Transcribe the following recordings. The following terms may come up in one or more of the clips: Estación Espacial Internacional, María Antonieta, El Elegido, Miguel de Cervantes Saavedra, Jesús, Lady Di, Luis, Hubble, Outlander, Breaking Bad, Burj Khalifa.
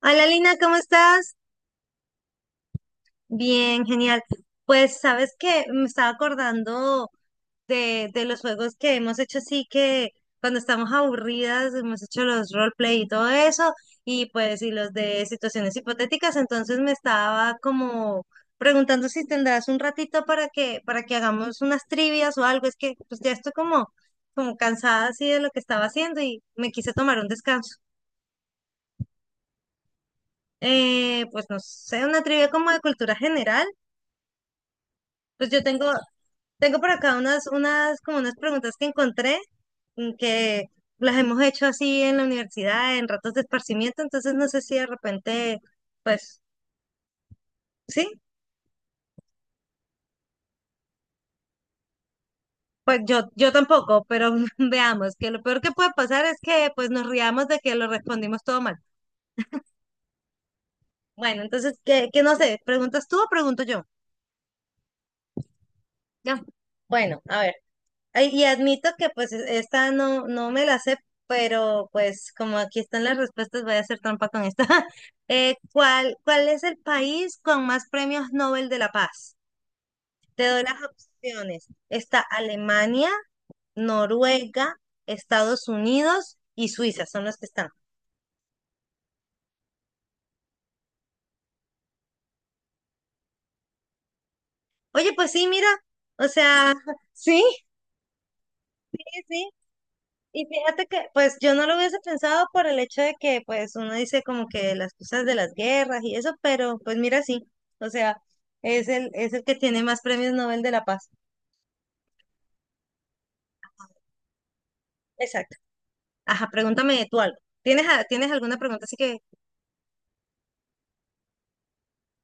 Hola Lina, ¿cómo estás? Bien, genial. Pues sabes que me estaba acordando de los juegos que hemos hecho así que cuando estamos aburridas hemos hecho los roleplay y todo eso y pues los de situaciones hipotéticas, entonces me estaba como preguntando si tendrás un ratito para que hagamos unas trivias o algo, es que pues ya estoy como cansada así de lo que estaba haciendo y me quise tomar un descanso. Pues no sé, una trivia como de cultura general. Pues yo tengo, por acá como unas preguntas que encontré, que las hemos hecho así en la universidad, en ratos de esparcimiento, entonces no sé si de repente, pues, sí, pues yo tampoco, pero veamos, que lo peor que puede pasar es que pues nos riamos de que lo respondimos todo mal. Bueno, entonces, que no sé, ¿preguntas tú o pregunto yo? Ya. Bueno, a ver. Ay, y admito que pues esta no, no me la sé, pero pues como aquí están las respuestas, voy a hacer trampa con esta. ¿Cuál es el país con más premios Nobel de la Paz? Te doy las opciones. Está Alemania, Noruega, Estados Unidos y Suiza, son los que están. Oye, pues sí, mira, o sea, Sí, sí, sí. Y fíjate que, pues yo no lo hubiese pensado por el hecho de que, pues uno dice como que las cosas de las guerras y eso, pero pues mira, sí, o sea, es el que tiene más premios Nobel de la Paz. Exacto. Ajá, pregúntame tú algo. ¿Tienes, tienes alguna pregunta? Así que,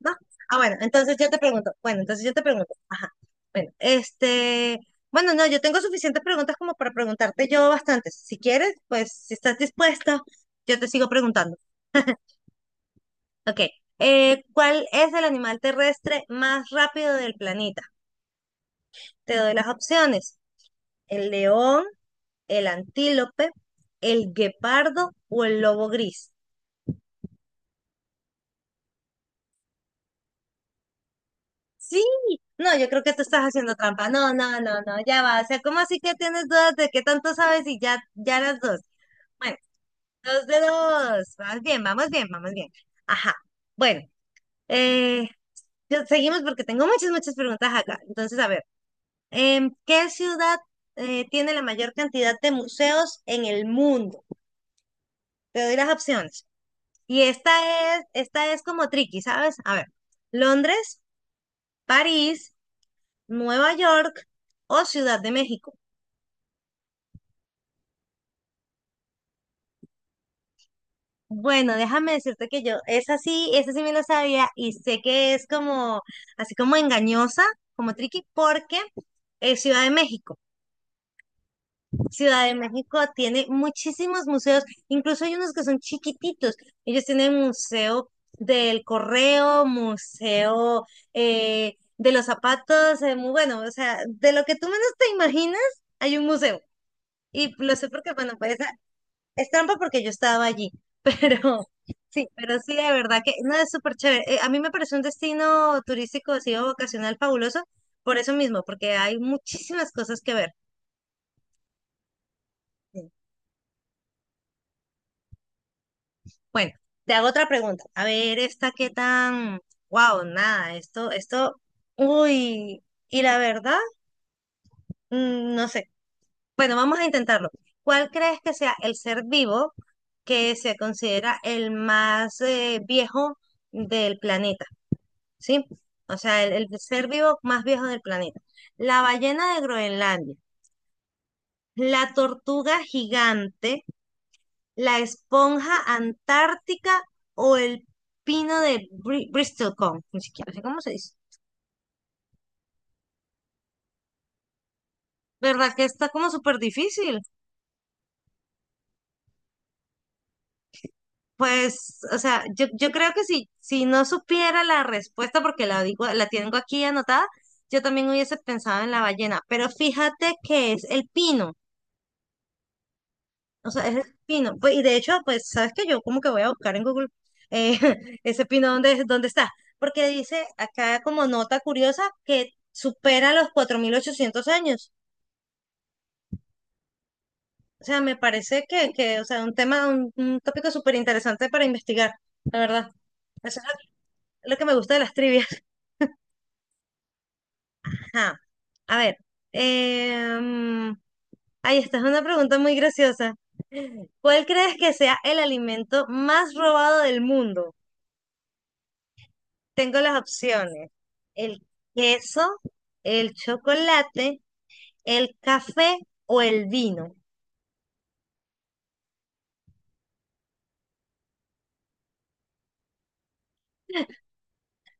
¿no? Ah, bueno, entonces yo te pregunto. Bueno, entonces yo te pregunto. Ajá. Bueno, este, bueno, no, yo tengo suficientes preguntas como para preguntarte yo bastantes. Si quieres, pues si estás dispuesta, yo te sigo preguntando. Ok. ¿Cuál es el animal terrestre más rápido del planeta? Te doy las opciones. El león, el antílope, el guepardo o el lobo gris. Sí, no, yo creo que tú estás haciendo trampa. No, no, no, no, ya va. O sea, ¿cómo así que tienes dudas de qué tanto sabes y ya, ya las dos? Bueno, dos de dos. Vamos bien, vamos bien, vamos bien. Ajá. Bueno, eh, seguimos porque tengo muchas, muchas preguntas acá. Entonces, a ver. ¿Qué ciudad tiene la mayor cantidad de museos en el mundo? Te doy las opciones. Y esta es como tricky, ¿sabes? A ver, Londres, París, Nueva York o Ciudad de México. Bueno, déjame decirte que yo, esa sí me lo sabía y sé que es como, así como engañosa, como tricky, porque es Ciudad de México. Ciudad de México tiene muchísimos museos, incluso hay unos que son chiquititos. Ellos tienen museo del correo, museo de los zapatos, muy bueno, o sea, de lo que tú menos te imaginas, hay un museo. Y lo sé porque, bueno, pues es trampa porque yo estaba allí, pero sí, pero sí, de verdad que no es súper chévere. A mí me parece un destino turístico, así o vacacional fabuloso, por eso mismo, porque hay muchísimas cosas que ver. Bueno, te hago otra pregunta. A ver, esta qué tan. Wow, nada, esto, esto. Uy, y la verdad, no sé. Bueno, vamos a intentarlo. ¿Cuál crees que sea el ser vivo que se considera el más viejo del planeta? ¿Sí? O sea, el ser vivo más viejo del planeta. La ballena de Groenlandia, la tortuga gigante, la esponja antártica o el pino de Bristol Cone, ni siquiera sé cómo se dice. ¿Verdad que está como súper difícil? Pues, o sea, yo creo que si no supiera la respuesta, porque la digo, la tengo aquí anotada, yo también hubiese pensado en la ballena. Pero fíjate que es el pino. O sea, es el pino. Pues, y de hecho, pues, ¿sabes qué? Yo como que voy a buscar en Google eh, ese pino dónde, dónde está. Porque dice acá como nota curiosa que supera los 4.800 años. O sea, me parece que, o sea, un tema, un tópico súper interesante para investigar, la verdad. Eso es lo que me gusta de las trivias. Ajá. A ver, em, ahí está, es una pregunta muy graciosa. ¿Cuál crees que sea el alimento más robado del mundo? Tengo las opciones. El queso, el chocolate, el café o el vino.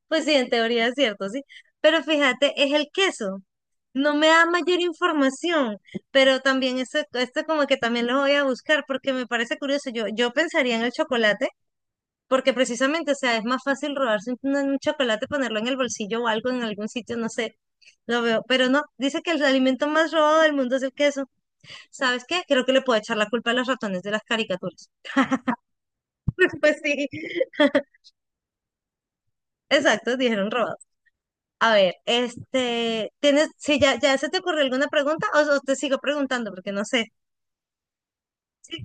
Pues sí, en teoría es cierto, sí. Pero fíjate, es el queso. No me da mayor información, pero también eso, esto como que también lo voy a buscar porque me parece curioso. Yo pensaría en el chocolate porque precisamente, o sea, es más fácil robarse un chocolate, ponerlo en el bolsillo o algo en algún sitio, no sé, lo veo. Pero no, dice que el alimento más robado del mundo es el queso. ¿Sabes qué? Creo que le puedo echar la culpa a los ratones de las caricaturas. Pues sí, exacto, dijeron robados. A ver, este, ¿tienes, si ya se te ocurrió alguna pregunta o te sigo preguntando porque no sé? Sí.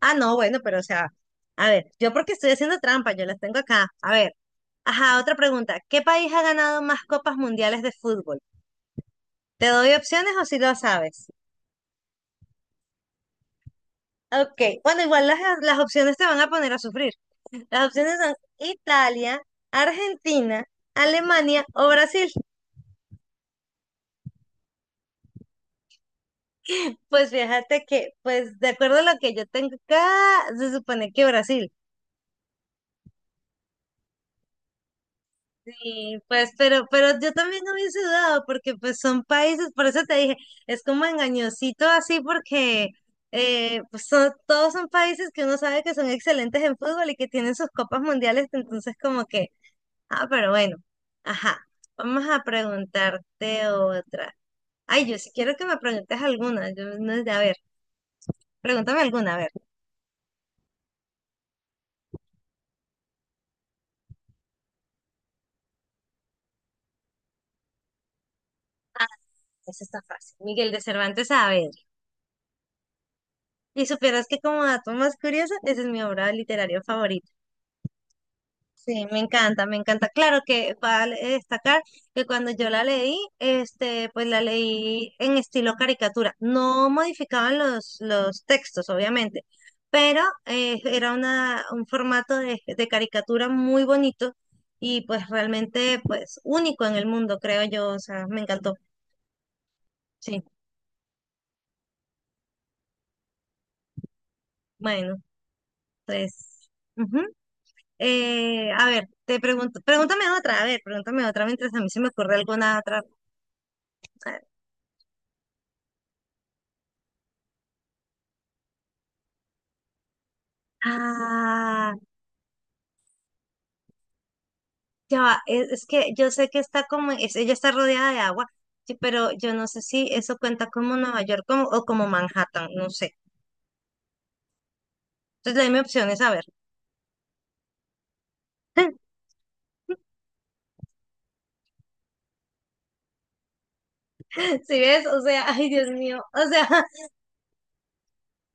Ah, no, bueno, pero o sea, a ver, yo porque estoy haciendo trampa, yo las tengo acá. A ver, ajá, otra pregunta. ¿Qué país ha ganado más copas mundiales de fútbol? ¿Te doy opciones o si lo sabes? Ok, bueno, igual las opciones te van a poner a sufrir. Las opciones son Italia, Argentina, Alemania o Brasil. Pues fíjate que, pues de acuerdo a lo que yo tengo acá, se supone que Brasil. Sí, pues, pero yo también no hubiese dudado, porque pues son países, por eso te dije, es como engañosito así, porque pues, todos son países que uno sabe que son excelentes en fútbol y que tienen sus copas mundiales, entonces como que, ah, pero bueno, ajá, vamos a preguntarte otra. Ay, yo si quiero que me preguntes alguna, yo, no, a ver, pregúntame alguna, a ver. Esa está fácil. Miguel de Cervantes Saavedra. Y supieras que como dato más curioso, esa es mi obra literaria favorita. Sí, me encanta, me encanta. Claro que vale destacar que cuando yo la leí, este, pues la leí en estilo caricatura. No modificaban los textos, obviamente, pero era un formato de caricatura muy bonito y pues realmente pues único en el mundo, creo yo. O sea, me encantó. Sí, bueno, pues. Ujú. A ver, te pregunto, pregúntame otra, a ver, pregúntame otra mientras a mí se me ocurre alguna otra. A ver. Ah, ya va, es que yo sé que está como, ella está rodeada de agua, sí, pero yo no sé si eso cuenta como Nueva York como, o como Manhattan, no sé. Entonces, dame opciones, a ver. ¿Si ves? O sea, ay, Dios mío, o sea,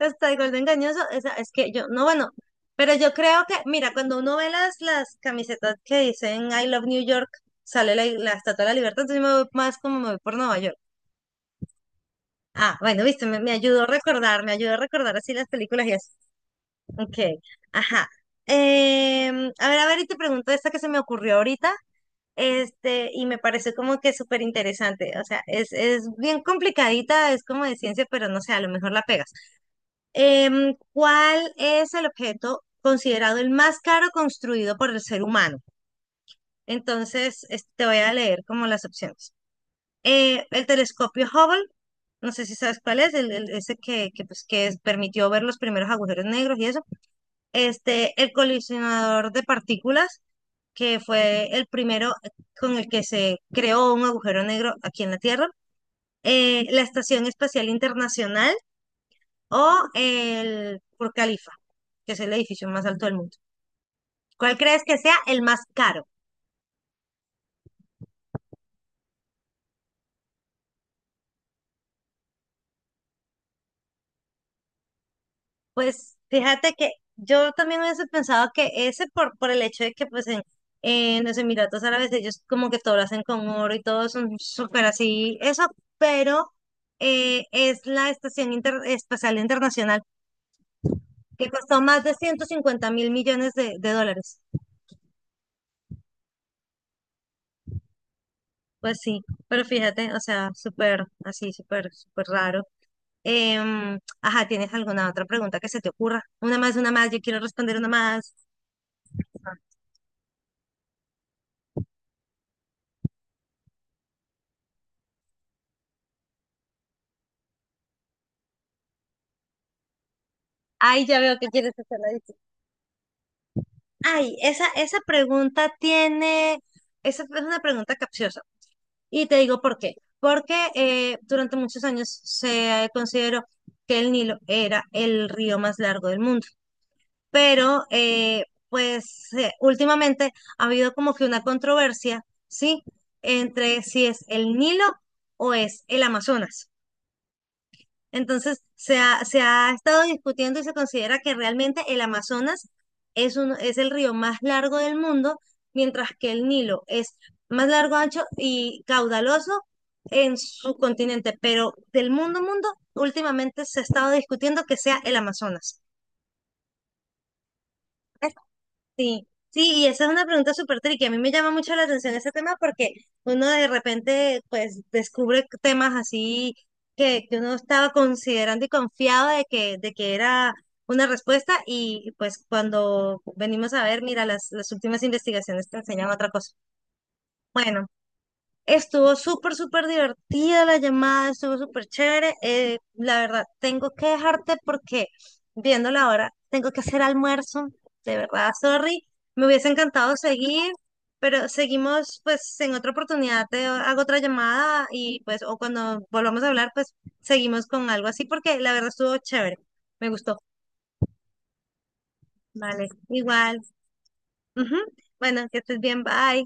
hasta el gordo engañoso, es que yo, no, bueno, pero yo creo que, mira, cuando uno ve las camisetas que dicen I love New York, sale la Estatua de la Libertad, entonces yo me voy más como me voy por Nueva York. Ah, bueno, viste, me, ayudó a recordar, me ayudó a recordar así las películas y así. Ok, ajá. A ver, a ver, y te pregunto esta que se me ocurrió ahorita, este, y me pareció como que súper interesante, o sea, es bien complicadita, es como de ciencia, pero no sé, a lo mejor la pegas. ¿Cuál es el objeto considerado el más caro construido por el ser humano? Entonces, te voy a leer como las opciones. El telescopio Hubble, no sé si sabes cuál es, ese que permitió ver los primeros agujeros negros y eso. Este, el colisionador de partículas, que fue el primero con el que se creó un agujero negro aquí en la Tierra. La Estación Espacial Internacional o el Burj Khalifa, que es el edificio más alto del mundo. ¿Cuál crees que sea el más caro? Pues fíjate que yo también hubiese pensado que ese por, el hecho de que pues en los Emiratos Árabes ellos como que todo lo hacen con oro y todo son súper así, eso, pero es la Estación Espacial Internacional que costó más de 150.000 millones de dólares. Pues sí, pero fíjate, o sea, súper así, súper, súper raro. Ajá, ¿tienes alguna otra pregunta que se te ocurra? Una más, yo quiero responder una más. Ay, ya veo que quieres hacerla difícil. Ay, esa es una pregunta capciosa. Y te digo por qué. Porque durante muchos años se consideró que el Nilo era el río más largo del mundo. Pero, pues, últimamente ha habido como que una controversia, ¿sí? Entre si es el Nilo o es el Amazonas. Entonces, se ha estado discutiendo y se considera que realmente el Amazonas es el río más largo del mundo, mientras que el Nilo es más largo, ancho y caudaloso en su continente, pero del mundo, mundo, últimamente se ha estado discutiendo que sea el Amazonas. Sí, sí, y esa es una pregunta súper tricky. A mí me llama mucho la atención ese tema porque uno de repente pues descubre temas así que uno estaba considerando y confiado de que era una respuesta y pues cuando venimos a ver, mira, las últimas investigaciones te enseñan otra cosa. Bueno. Estuvo súper, súper divertida la llamada, estuvo súper chévere. La verdad, tengo que dejarte porque viendo la hora, tengo que hacer almuerzo. De verdad, sorry. Me hubiese encantado seguir, pero seguimos pues en otra oportunidad. Te hago otra llamada y pues, o cuando volvamos a hablar, pues seguimos con algo así porque la verdad estuvo chévere. Me gustó. Vale, igual. Ujú. Bueno, que estés bien, bye.